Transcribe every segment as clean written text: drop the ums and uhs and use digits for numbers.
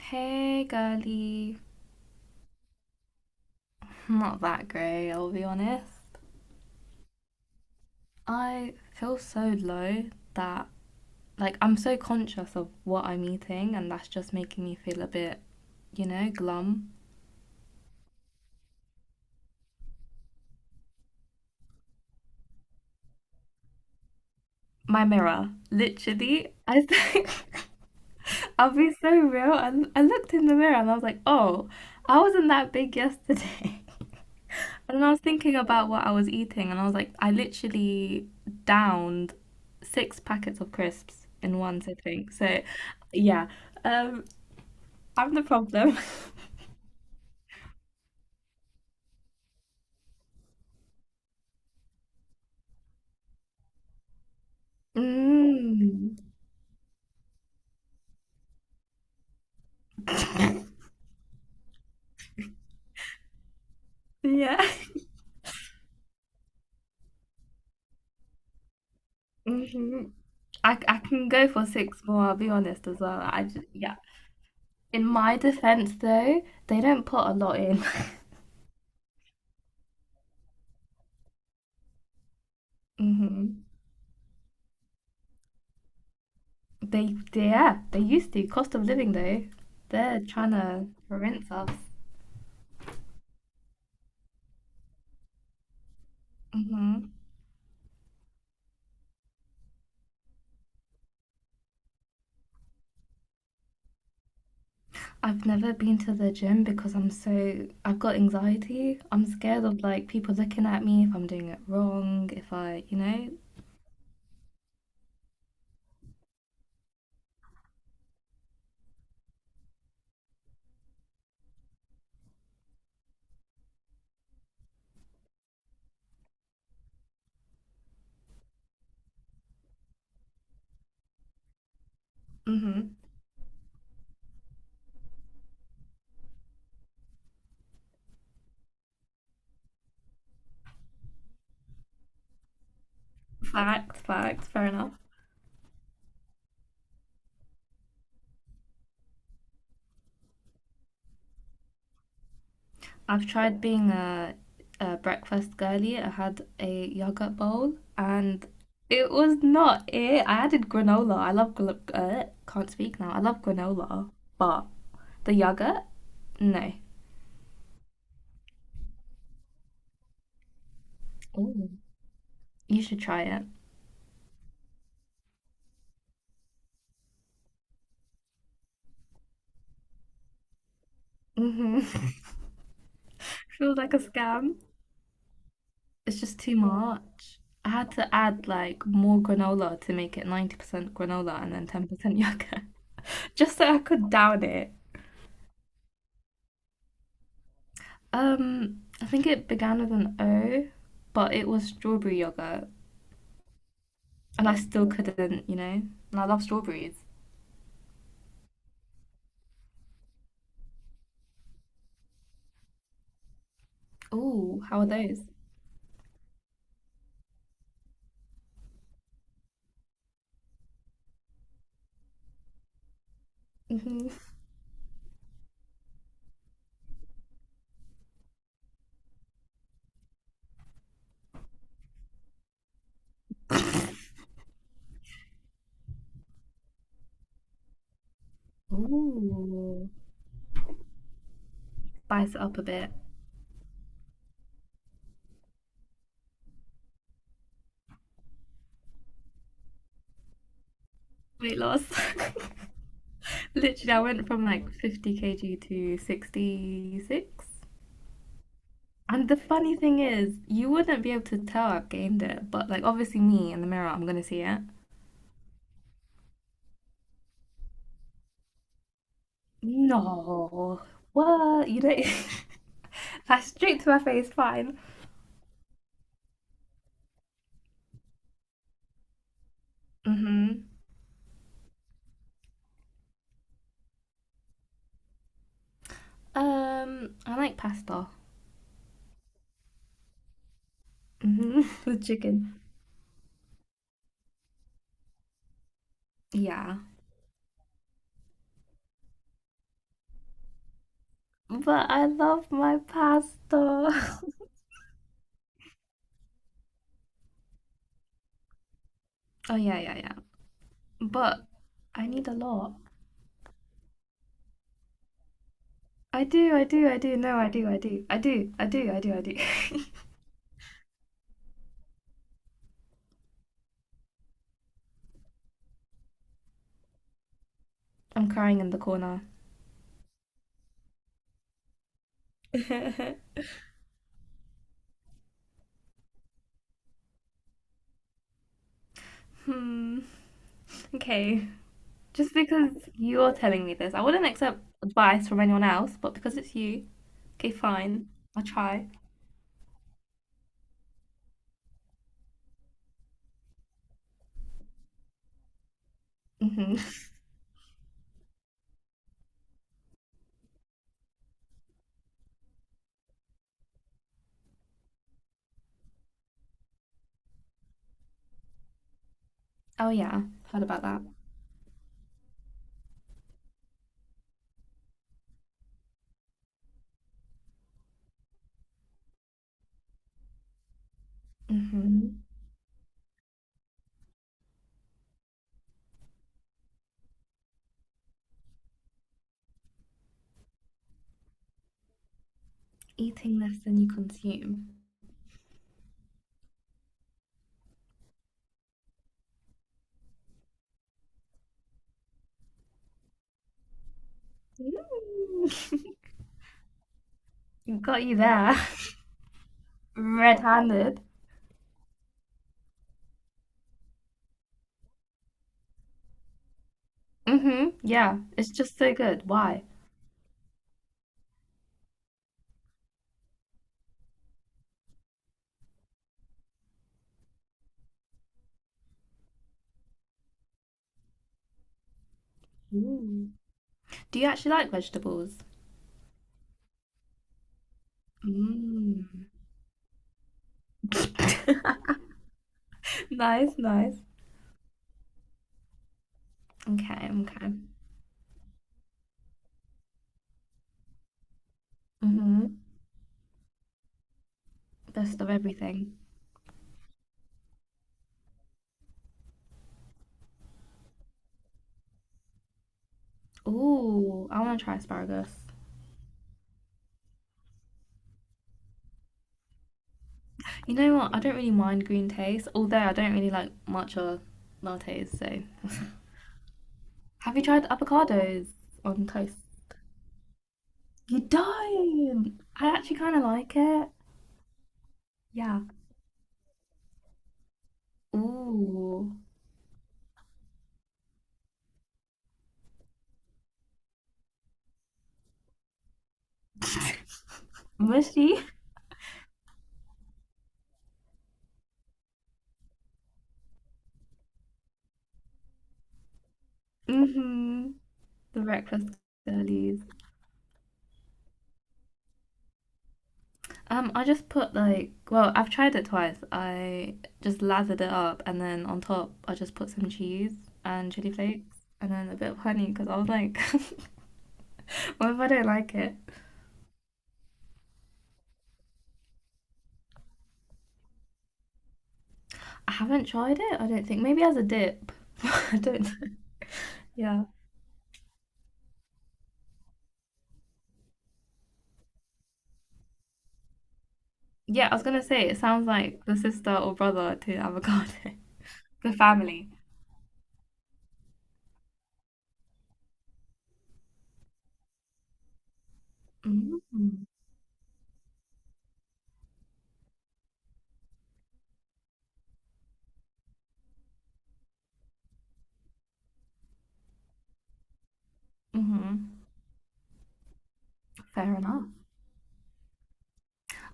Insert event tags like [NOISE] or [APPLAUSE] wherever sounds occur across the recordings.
Hey, girly. Not that great, I'll be honest. I feel so low that, like, I'm so conscious of what I'm eating, and that's just making me feel a bit, glum. My mirror, literally, I think. [LAUGHS] I'll be so real. I looked in the mirror and I was like, oh, I wasn't that big yesterday. [LAUGHS] And then I was thinking about what I was eating, and I was like, I literally downed six packets of crisps in one sitting. So, yeah, um, I'm the problem. [LAUGHS] Mm. Yeah. Hmm. I can go for six more, I'll be honest as well. I just, yeah. In my defense, though, they don't put a lot in. [LAUGHS] Hmm. Yeah, they used to. Cost of living, though, they're trying to rinse us. Hmm. I've never been to the gym because I'm so, I've got anxiety. I'm scared of like people looking at me if I'm doing it wrong, if I, you know. Mm-hmm. Fair enough. I've tried being a breakfast girly. I had a yogurt bowl and it was not it. I added granola. I love, can't speak now. I love granola, but the yogurt, no. Ooh. You should try it. Mm-hmm. [LAUGHS] Feels like a scam. It's just too much. I had to add like more granola to make it 90% granola and then 10% yogurt, [LAUGHS] just so I could down it. I think it began with an O, but it was strawberry yogurt and I still couldn't, you know. And I love strawberries. Ooh, how are those? Hmm. Ooh, spice it up a bit. Weight loss. [LAUGHS] Literally, I went from like 50 kg to 66. And the funny thing is, you wouldn't be able to tell I've gained it, but like obviously me in the mirror, I'm gonna see it. No, what? You don't. [LAUGHS] That's straight to my face. Fine. Mhm. I like pasta. Mhm. [LAUGHS] With chicken. Yeah, but I love my pasta. [LAUGHS] Oh yeah, yeah, yeah. But I need a lot. I do, I do, I do. No, I do, I do, I do, I do, I do, I do. [LAUGHS] I'm crying in the corner. [LAUGHS] Hmm. Okay. Just because you're telling me this, I wouldn't accept advice from anyone else, but because it's you, okay, fine. I'll try. Hmm. Oh, yeah. Heard about that. Hmm. Eating less than you consume. Mm. [LAUGHS] Got you there. [LAUGHS] Red handed. Hmm. Yeah. It's just so good. Why? Ooh. Do you actually like vegetables? Mm. [LAUGHS] [LAUGHS] Nice, nice. Okay, okay. Hmm. Best of everything. Ooh, I want to try asparagus. You know what? I don't really mind green taste, although I don't really like matcha lattes, so. [LAUGHS] Have you tried avocados on toast? You don't! I actually kind of like it. Yeah. Ooh. [LAUGHS] Mushy. Mm-hmm. The breakfast girlies. I just put like, well, I've tried it twice. I just lathered it up, and then on top, I just put some cheese and chili flakes, and then a bit of honey because I was like, [LAUGHS] what if I don't like it? I haven't tried it, I don't think. Maybe as a dip. [LAUGHS] I don't know. Yeah. Yeah, I was gonna say it sounds like the sister or brother to avocado. [LAUGHS] The family. Mm-hmm. Hmm. Fair enough.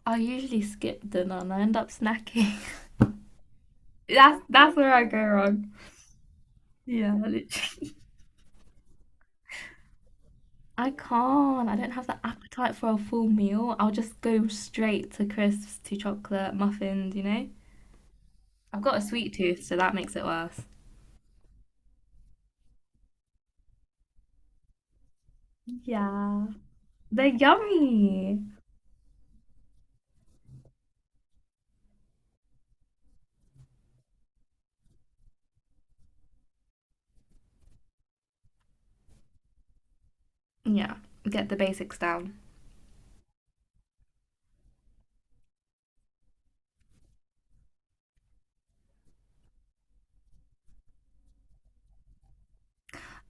I usually skip dinner and I end up snacking. [LAUGHS] That's where I go wrong. Yeah, [LAUGHS] literally. I can't. I don't have the appetite for a full meal. I'll just go straight to crisps, to chocolate, muffins, you know? I've got a sweet tooth, so that makes it worse. Yeah. They're yummy. Yeah, get the basics down.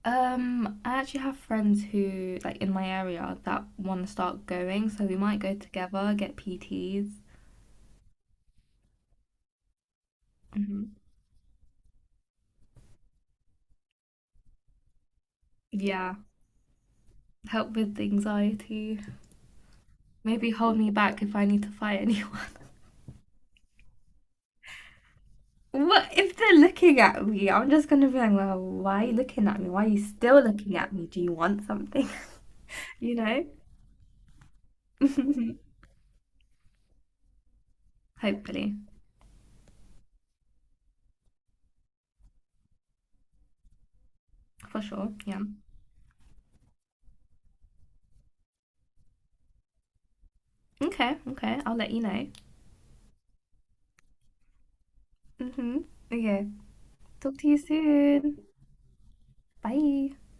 I actually have friends who, like, in my area that want to start going, so we might go together, get PTs. Hmm. Yeah, help with anxiety. Maybe hold me back if I need to fight anyone. [LAUGHS] What if they're looking at me? I'm just gonna be like, well, why are you looking at me? Why are you still looking at me? Do you want something? [LAUGHS] You know? [LAUGHS] Hopefully, for sure. Yeah. Okay, okay, I'll let you know. Hmm. Okay. Talk to you soon. Bye.